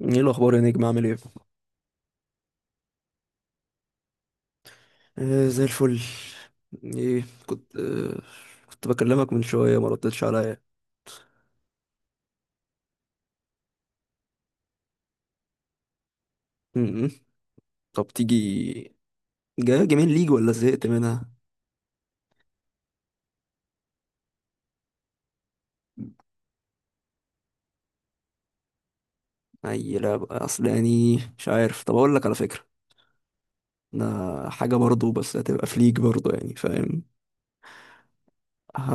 ايه الاخبار يا نجم، عامل ايه؟ آه، زي الفل. ايه، كنت بكلمك من شويه ما ردتش عليا. م- م. طب تيجي؟ جاي جيمين ليج ولا زهقت منها؟ اي لعبه، اصل يعني مش عارف. طب اقول لك على فكره، ده حاجه برضو، بس هتبقى في ليج برضو، يعني فاهم؟ ه...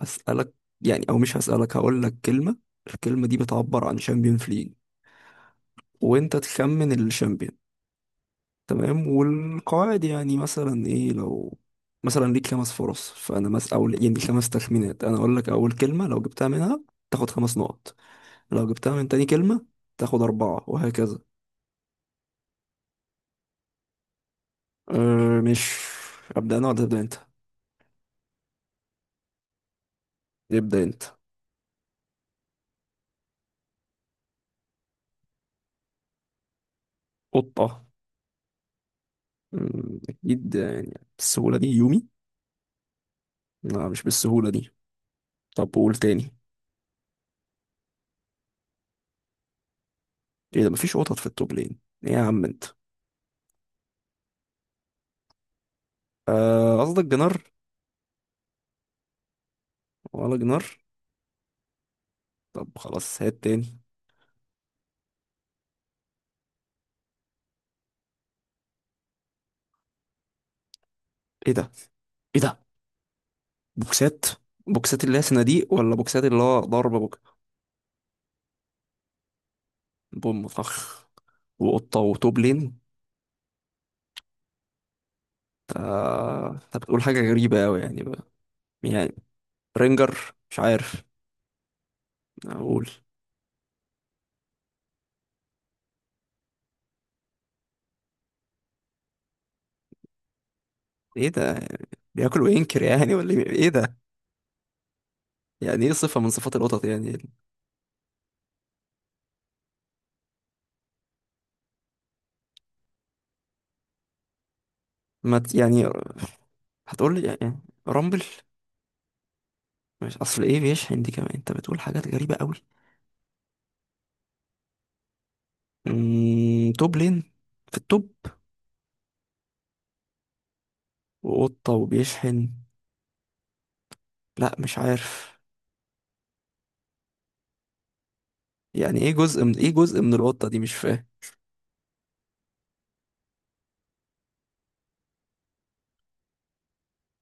هسألك، يعني، او مش هسألك، هقول لك كلمه. الكلمه دي بتعبر عن شامبيون في ليج، وانت تخمن الشامبيون. تمام. والقواعد يعني، مثلا ايه، لو مثلا ليك خمس فرص، فانا مس او يعني ليك خمس تخمينات. انا اقول لك اول كلمه، لو جبتها منها تاخد خمس نقط، لو جبتها من تاني كلمه تاخد اربعه، وهكذا. أه مش ابدا انا ولا تبدا انت؟ ابدا انت. قطه؟ اكيد يعني، بالسهوله دي يومي؟ لا، مش بالسهوله دي. طب قول تاني. ايه ده؟ مفيش قطط في التوب لين. ايه يا عم انت؟ آه، قصدك جنار؟ ولا جنار. طب خلاص، هات تاني. ايه ده؟ ايه ده بوكسات؟ بوكسات اللي هي صناديق ولا بوكسات اللي هو ضرب بوك؟ بوم فخ، وقطة، وتوب لين. ف- انت بتقول حاجة غريبة أوي يعني بقى. يعني، رينجر، مش عارف أقول. إيه ده؟ بياكل وينكر يعني؟ ولا إيه؟ إيه ده؟ يعني إيه صفة من صفات القطط يعني؟ ما ت- يعني هتقول لي يعني؟ رامبل؟ مش، أصل إيه بيشحن دي كمان، أنت بتقول حاجات غريبة أوي. توب لين في التوب، وقطة وبيشحن؟ لا، مش عارف. يعني ايه جزء من ايه، جزء من القطة دي؟ مش فاهم.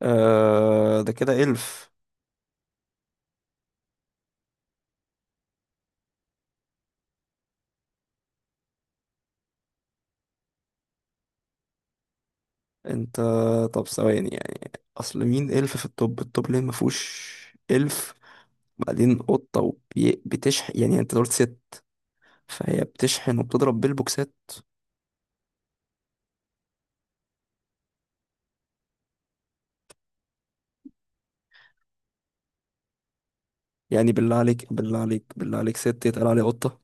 آه، ده كده إلف. انت، طب، ثواني يعني. اصل مين إلف في الطب؟ ليه ما فيهوش إلف؟ بعدين قطة وبتشحن، يعني انت قلت ست، فهي بتشحن وبتضرب بالبوكسات؟ يعني بالله عليك، بالله عليك، بالله عليك، ست يتقال عليه قطة؟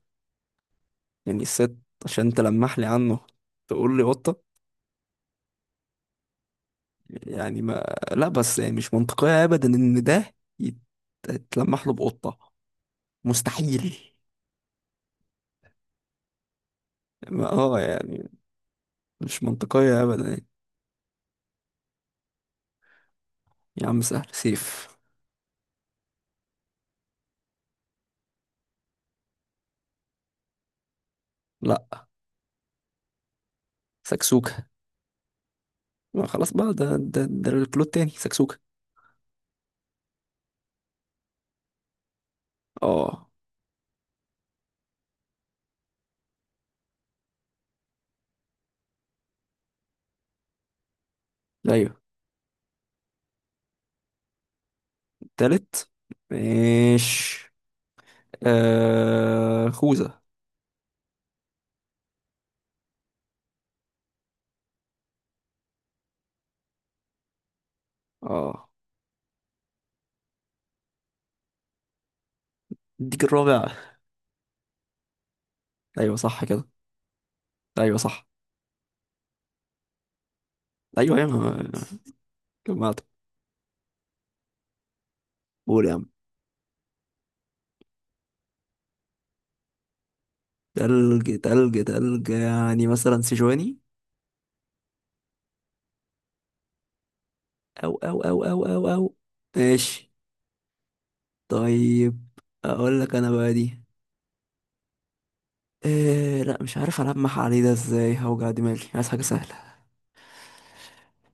يعني الست، عشان تلمح لي عنه تقول لي قطة؟ يعني ما لا، بس يعني مش منطقية ابدا ان ده يتلمح له بقطة. مستحيل. يعني مش منطقية أبدا يعني. يا عم سهل، سيف. لا. سكسوكة. ما خلاص بقى، ده الكلود تاني، سكسوكة. اه. أيوه. تالت. ماشي. خوذة. اه. اديك الرابع. أيوه صح كده. أيوه صح. أيوه، أيوه. جمعت. قول يا عم. تلج، تلج، تلج، يعني مثلا سيجواني. أو، أو، أو، أو، أو، أو. ماشي. طيب، أقول لك أنا بقى دي، إيه؟ لا، مش عارف ألمح عليه ده ازاي، هوجع دماغي، عايز حاجة سهلة.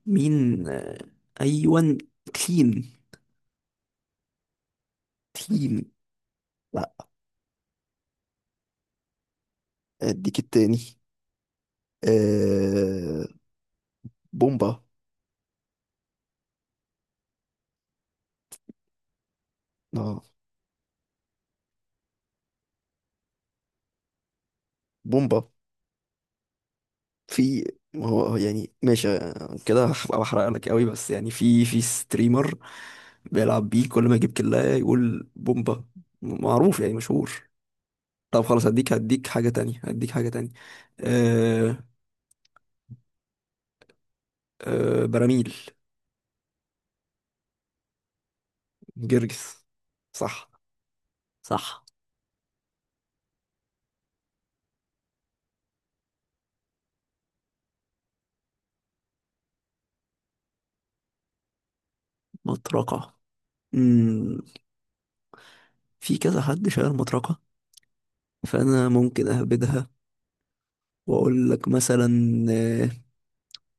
مين؟ أيوان. تين. تين. لا. اديك التاني. آه بومبا. اه، بومبا. في ما هو يعني ماشي، كده هبقى بحرق لك قوي، بس يعني في ستريمر بيلعب بيه، كل ما يجيب كلاية يقول بومبا، معروف يعني، مشهور. طب خلاص، هديك حاجة تانية، هديك حاجة تانية. آه. براميل. جرجس. صح. صح. مطرقة. مم. في كذا حد شايل مطرقة، فأنا ممكن أهبدها وأقول لك مثلا، آه،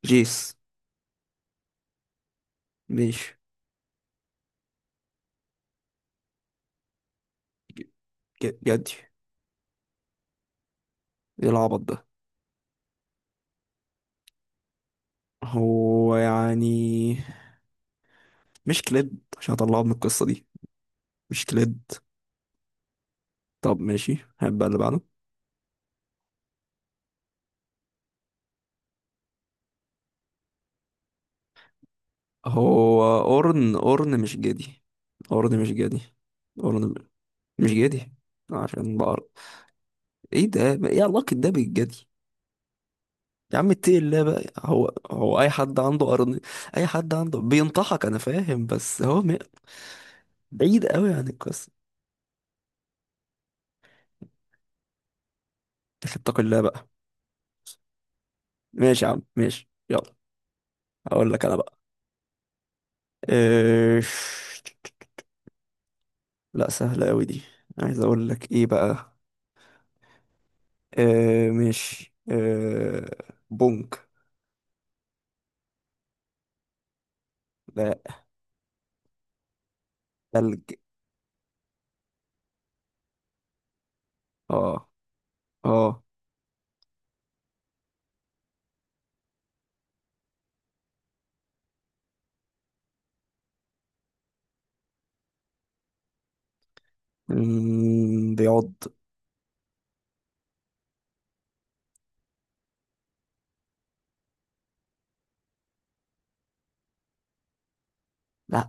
جيس. مش. ج- جدي؟ ايه العبط ده؟ هو يعني مش كليد عشان اطلعه من القصة دي؟ مش كليد. طب ماشي، هبقى اللي بعده. هو اورن، مش جدي. اورن مش جدي. اورن م- مش جدي عشان بقر. ايه ده؟ ما ايه علاقة ده بالجدي؟ يا عم اتقي الله بقى، هو اي حد عنده قرن، اي حد عنده بينطحك؟ انا فاهم، بس هو بعيد قوي عن القصه. اتق الله بقى. ماشي يا عم، ماشي، يلا هقول لك انا بقى. اه... لا، سهله قوي دي. عايز اقول لك ايه بقى؟ اه... ماشي، بونك. لا. ثلج. اه. اه. بيعض. لا.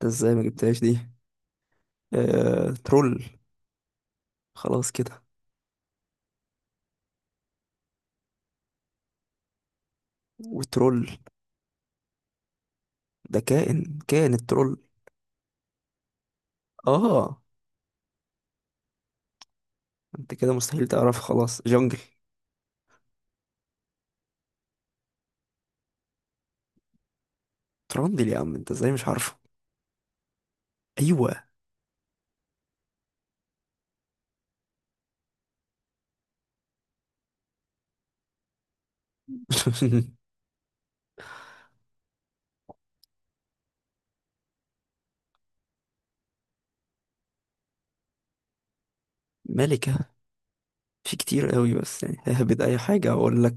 ده ازاي ما جبتهاش دي؟ اه... ترول. خلاص كده. وترول. ده كائن، الترول. اه. انت كده مستحيل تعرف، خلاص، جونجل. تراندل، يا عم انت ازاي مش عارفه؟ ايوه. ملكة. في كتير قوي، بس يعني ههبد اي حاجة اقول لك.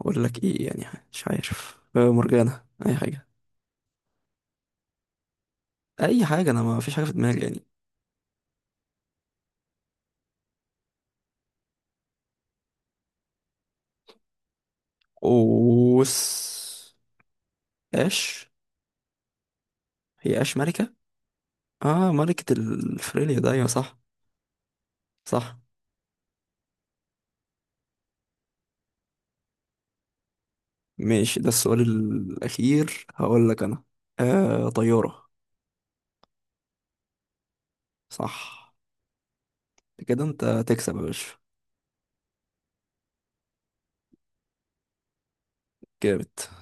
اقول لك ايه يعني؟ مش عارف، مرجانة، اي حاجة. اي حاجة، انا ما فيش حاجة في دماغي يعني. اوس. اش. هي اش ملكة؟ اه، ملكة الفريليا ده، ايوه صح. صح. ماشي. ده السؤال الاخير، هقول لك انا. طيارة. صح كده. انت تكسب يا باشا. جامد.